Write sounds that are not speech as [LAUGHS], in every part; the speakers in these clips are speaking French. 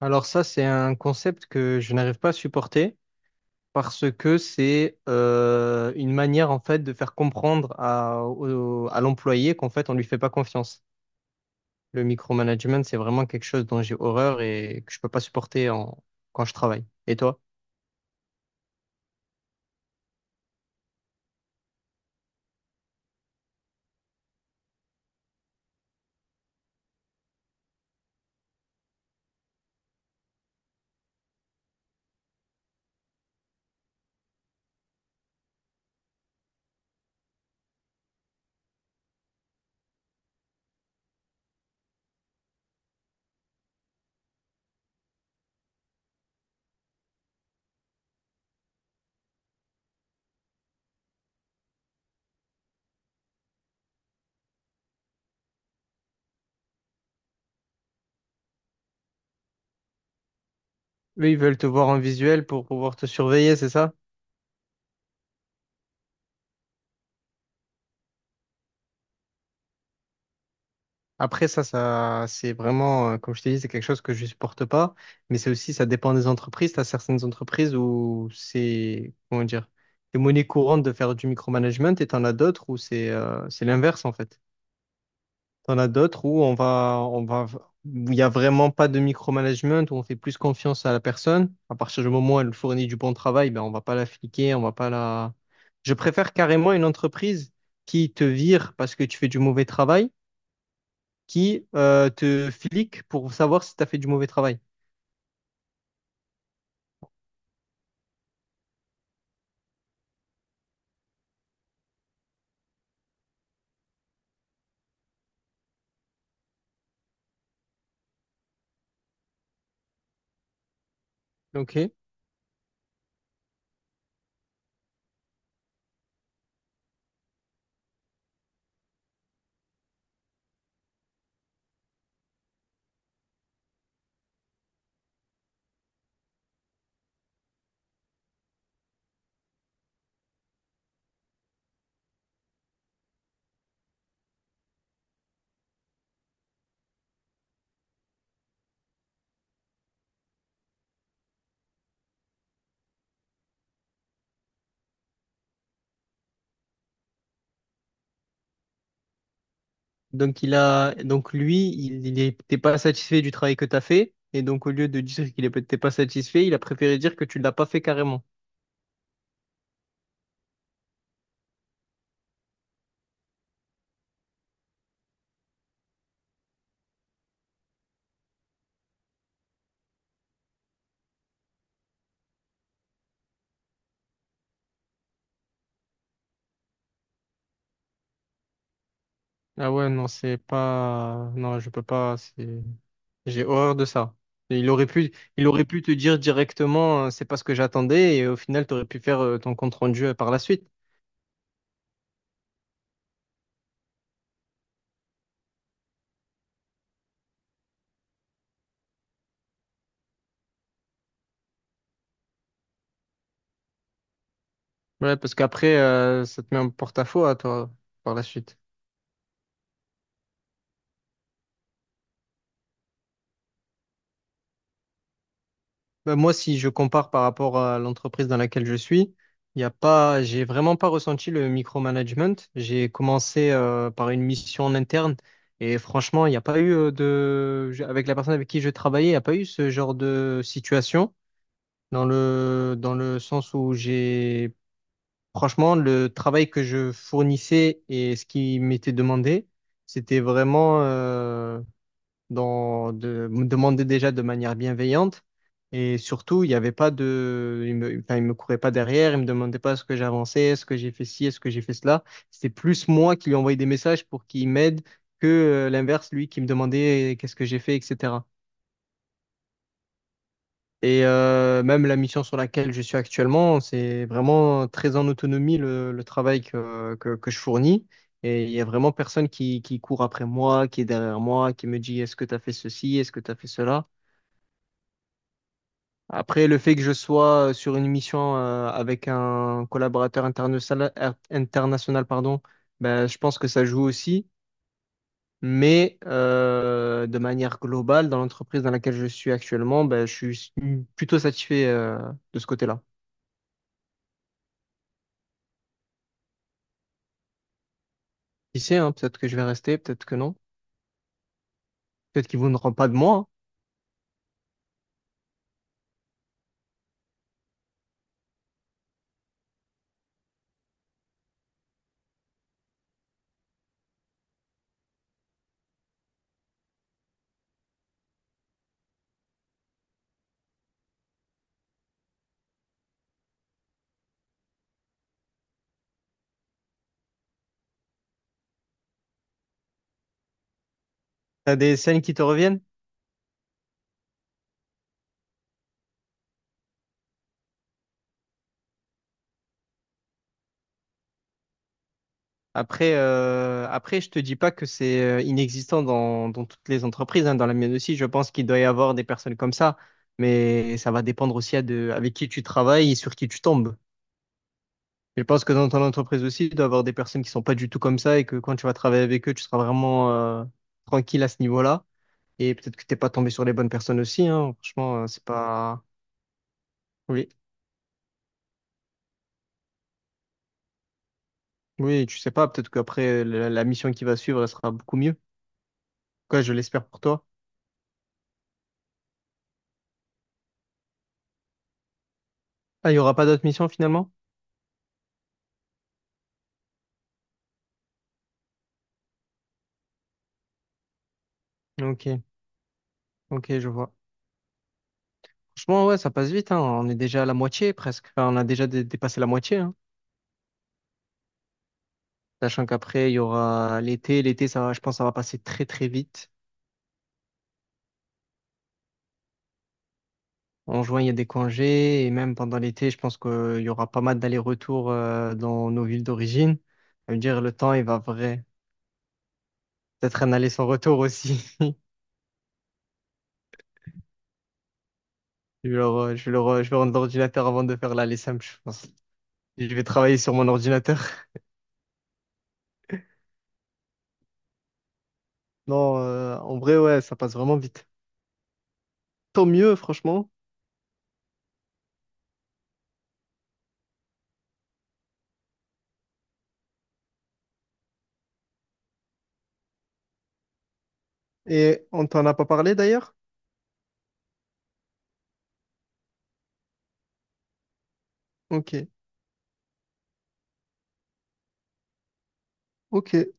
Alors ça, c'est un concept que je n'arrive pas à supporter parce que c'est une manière en fait de faire comprendre à l'employé qu'en fait on lui fait pas confiance. Le micromanagement, c'est vraiment quelque chose dont j'ai horreur et que je peux pas supporter quand je travaille. Et toi? Eux, ils veulent te voir en visuel pour pouvoir te surveiller, c'est ça? Après, ça, c'est vraiment, comme je t'ai dit, c'est quelque chose que je supporte pas. Mais c'est aussi, ça dépend des entreprises. T'as certaines entreprises où c'est, comment dire, c'est monnaie courante de faire du micromanagement et t'en as d'autres où c'est l'inverse, en fait. T'en as d'autres où où il y a vraiment pas de micromanagement, où on fait plus confiance à la personne. À partir du moment où elle fournit du bon travail, ben, on va pas la fliquer, on va pas la, je préfère carrément une entreprise qui te vire parce que tu fais du mauvais travail qui te flique pour savoir si tu as fait du mauvais travail. Ok. Donc lui, il était pas satisfait du travail que tu as fait et donc au lieu de dire qu'il n'était pas satisfait, il a préféré dire que tu ne l'as pas fait carrément. Ah ouais, non, c'est pas non, je peux pas, c'est j'ai horreur de ça. Et il aurait pu te dire directement, c'est pas ce que j'attendais et au final tu aurais pu faire ton compte rendu, par la suite. Ouais, parce qu'après, ça te met en porte-à-faux à toi par la suite. Bah, moi, si je compare par rapport à l'entreprise dans laquelle je suis, il y a pas, j'ai vraiment pas ressenti le micromanagement. J'ai commencé par une mission en interne et franchement, il n'y a pas eu avec la personne avec qui je travaillais, il n'y a pas eu ce genre de situation dans le sens où franchement, le travail que je fournissais et ce qui m'était demandé, c'était vraiment, me demandait déjà de manière bienveillante. Et surtout, il n'y avait pas de. Il me, enfin, il me courait pas derrière, il me demandait pas ce que j'avançais, est-ce que j'ai fait ci, est-ce que j'ai fait cela. C'était plus moi qui lui envoyais des messages pour qu'il m'aide que l'inverse, lui qui me demandait, qu'est-ce que j'ai fait, etc. Et même la mission sur laquelle je suis actuellement, c'est vraiment très en autonomie le travail que je fournis. Et il y a vraiment personne qui court après moi, qui est derrière moi, qui me dit est-ce que tu as fait ceci, est-ce que tu as fait cela. Après, le fait que je sois sur une mission avec un collaborateur international, pardon, ben, je pense que ça joue aussi. Mais de manière globale, dans l'entreprise dans laquelle je suis actuellement, ben, je suis plutôt satisfait de ce côté-là. Qui sait, hein, peut-être que je vais rester, peut-être que non. Peut-être qu'ils ne voudront pas de moi. Hein. T'as des scènes qui te reviennent? Après, je te dis pas que c'est inexistant dans toutes les entreprises, hein. Dans la mienne aussi, je pense qu'il doit y avoir des personnes comme ça, mais ça va dépendre aussi avec qui tu travailles et sur qui tu tombes. Je pense que dans ton entreprise aussi, il doit y avoir des personnes qui sont pas du tout comme ça et que quand tu vas travailler avec eux, tu seras vraiment tranquille à ce niveau-là. Et peut-être que t'es pas tombé sur les bonnes personnes aussi, hein. Franchement, c'est pas. Oui, oui, tu sais pas. Peut-être qu'après la mission qui va suivre, elle sera beaucoup mieux. Quoi, je l'espère pour toi. Ah, il y aura pas d'autres missions finalement? Ok. Ok, je vois. Franchement, ouais, ça passe vite, hein. On est déjà à la moitié presque. Enfin, on a déjà dépassé la moitié, hein. Sachant qu'après, il y aura l'été. L'été, ça va, je pense, ça va passer très, très vite. En juin, il y a des congés. Et même pendant l'été, je pense qu'il y aura pas mal d'allers-retours dans nos villes d'origine. Ça veut dire, le temps, il va vrai. Peut-être un aller sans retour aussi. [LAUGHS] Je vais rendre l'ordinateur avant de faire l'aller simple, je pense. Je vais travailler sur mon ordinateur. [LAUGHS] Non, en vrai, ouais, ça passe vraiment vite. Tant mieux, franchement. Et on t'en a pas parlé d'ailleurs? Ok, ok. Et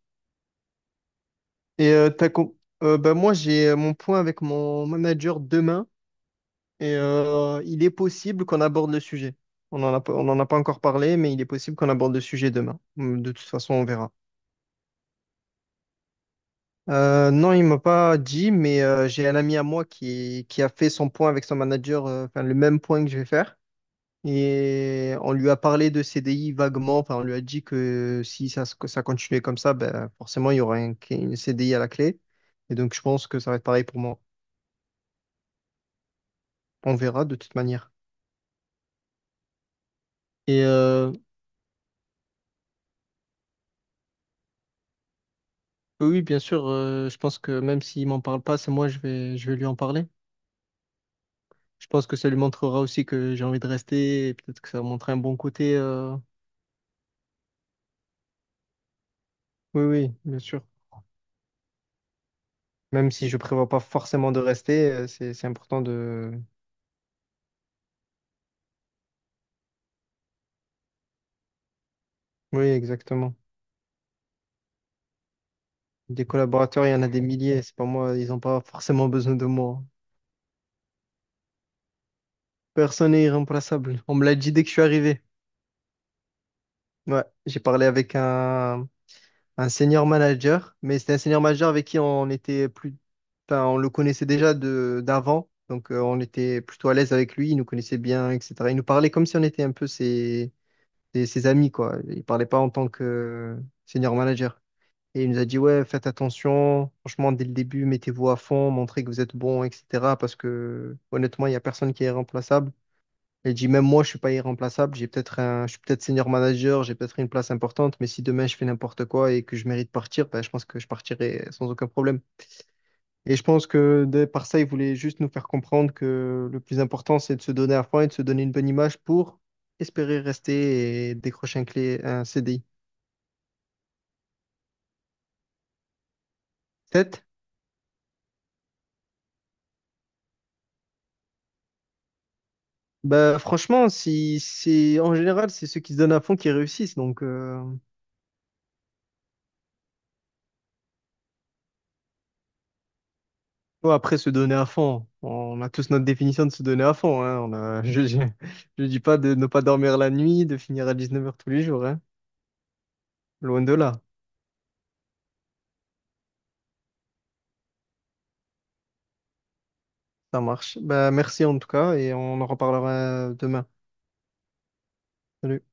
euh, t'as com- moi j'ai mon point avec mon manager demain et il est possible qu'on aborde le sujet. On en a pas encore parlé, mais il est possible qu'on aborde le sujet demain. Hum. De toute façon, on verra. Non, il m'a pas dit, mais j'ai un ami à moi qui a fait son point avec son manager, enfin le même point que je vais faire. Et on lui a parlé de CDI vaguement, enfin on lui a dit que si ça, se- que ça continuait comme ça, ben, forcément il y aurait une CDI à la clé. Et donc je pense que ça va être pareil pour moi. On verra de toute manière. Et oui, bien sûr, je pense que même s'il m'en parle pas, c'est moi, je vais lui en parler. Je pense que ça lui montrera aussi que j'ai envie de rester et peut-être que ça va montrer un bon côté. Oui, oui, bien sûr. Même si je prévois pas forcément de rester, c'est important de... Oui, exactement. Des collaborateurs, il y en a des milliers. C'est pas moi, ils n'ont pas forcément besoin de moi. Personne n'est irremplaçable. On me l'a dit dès que je suis arrivé. Ouais, j'ai parlé avec un senior manager, mais c'était un senior manager avec qui on était plus, enfin, on le connaissait déjà de d'avant, donc on était plutôt à l'aise avec lui. Il nous connaissait bien, etc. Il nous parlait comme si on était un peu ses amis, quoi. Il parlait pas en tant que senior manager. Et il nous a dit, ouais, faites attention, franchement, dès le début, mettez-vous à fond, montrez que vous êtes bon, etc. Parce que honnêtement, il n'y a personne qui est irremplaçable. Il dit, même moi, je suis pas irremplaçable, je suis peut-être senior manager, j'ai peut-être une place importante, mais si demain je fais n'importe quoi et que je mérite de partir, ben, je pense que je partirai sans aucun problème. Et je pense que par ça, il voulait juste nous faire comprendre que le plus important, c'est de se donner à fond et de se donner une bonne image pour espérer rester et décrocher un CDI. 7 Bah, franchement, si, c'est, en général, c'est ceux qui se donnent à fond qui réussissent. Donc, ouais, après, se donner à fond, on a tous notre définition de se donner à fond. Hein. On a, [LAUGHS] je dis pas de ne pas dormir la nuit, de finir à 19 heures tous les jours. Hein. Loin de là. Ça marche. Bah, merci en tout cas et on en reparlera demain. Salut.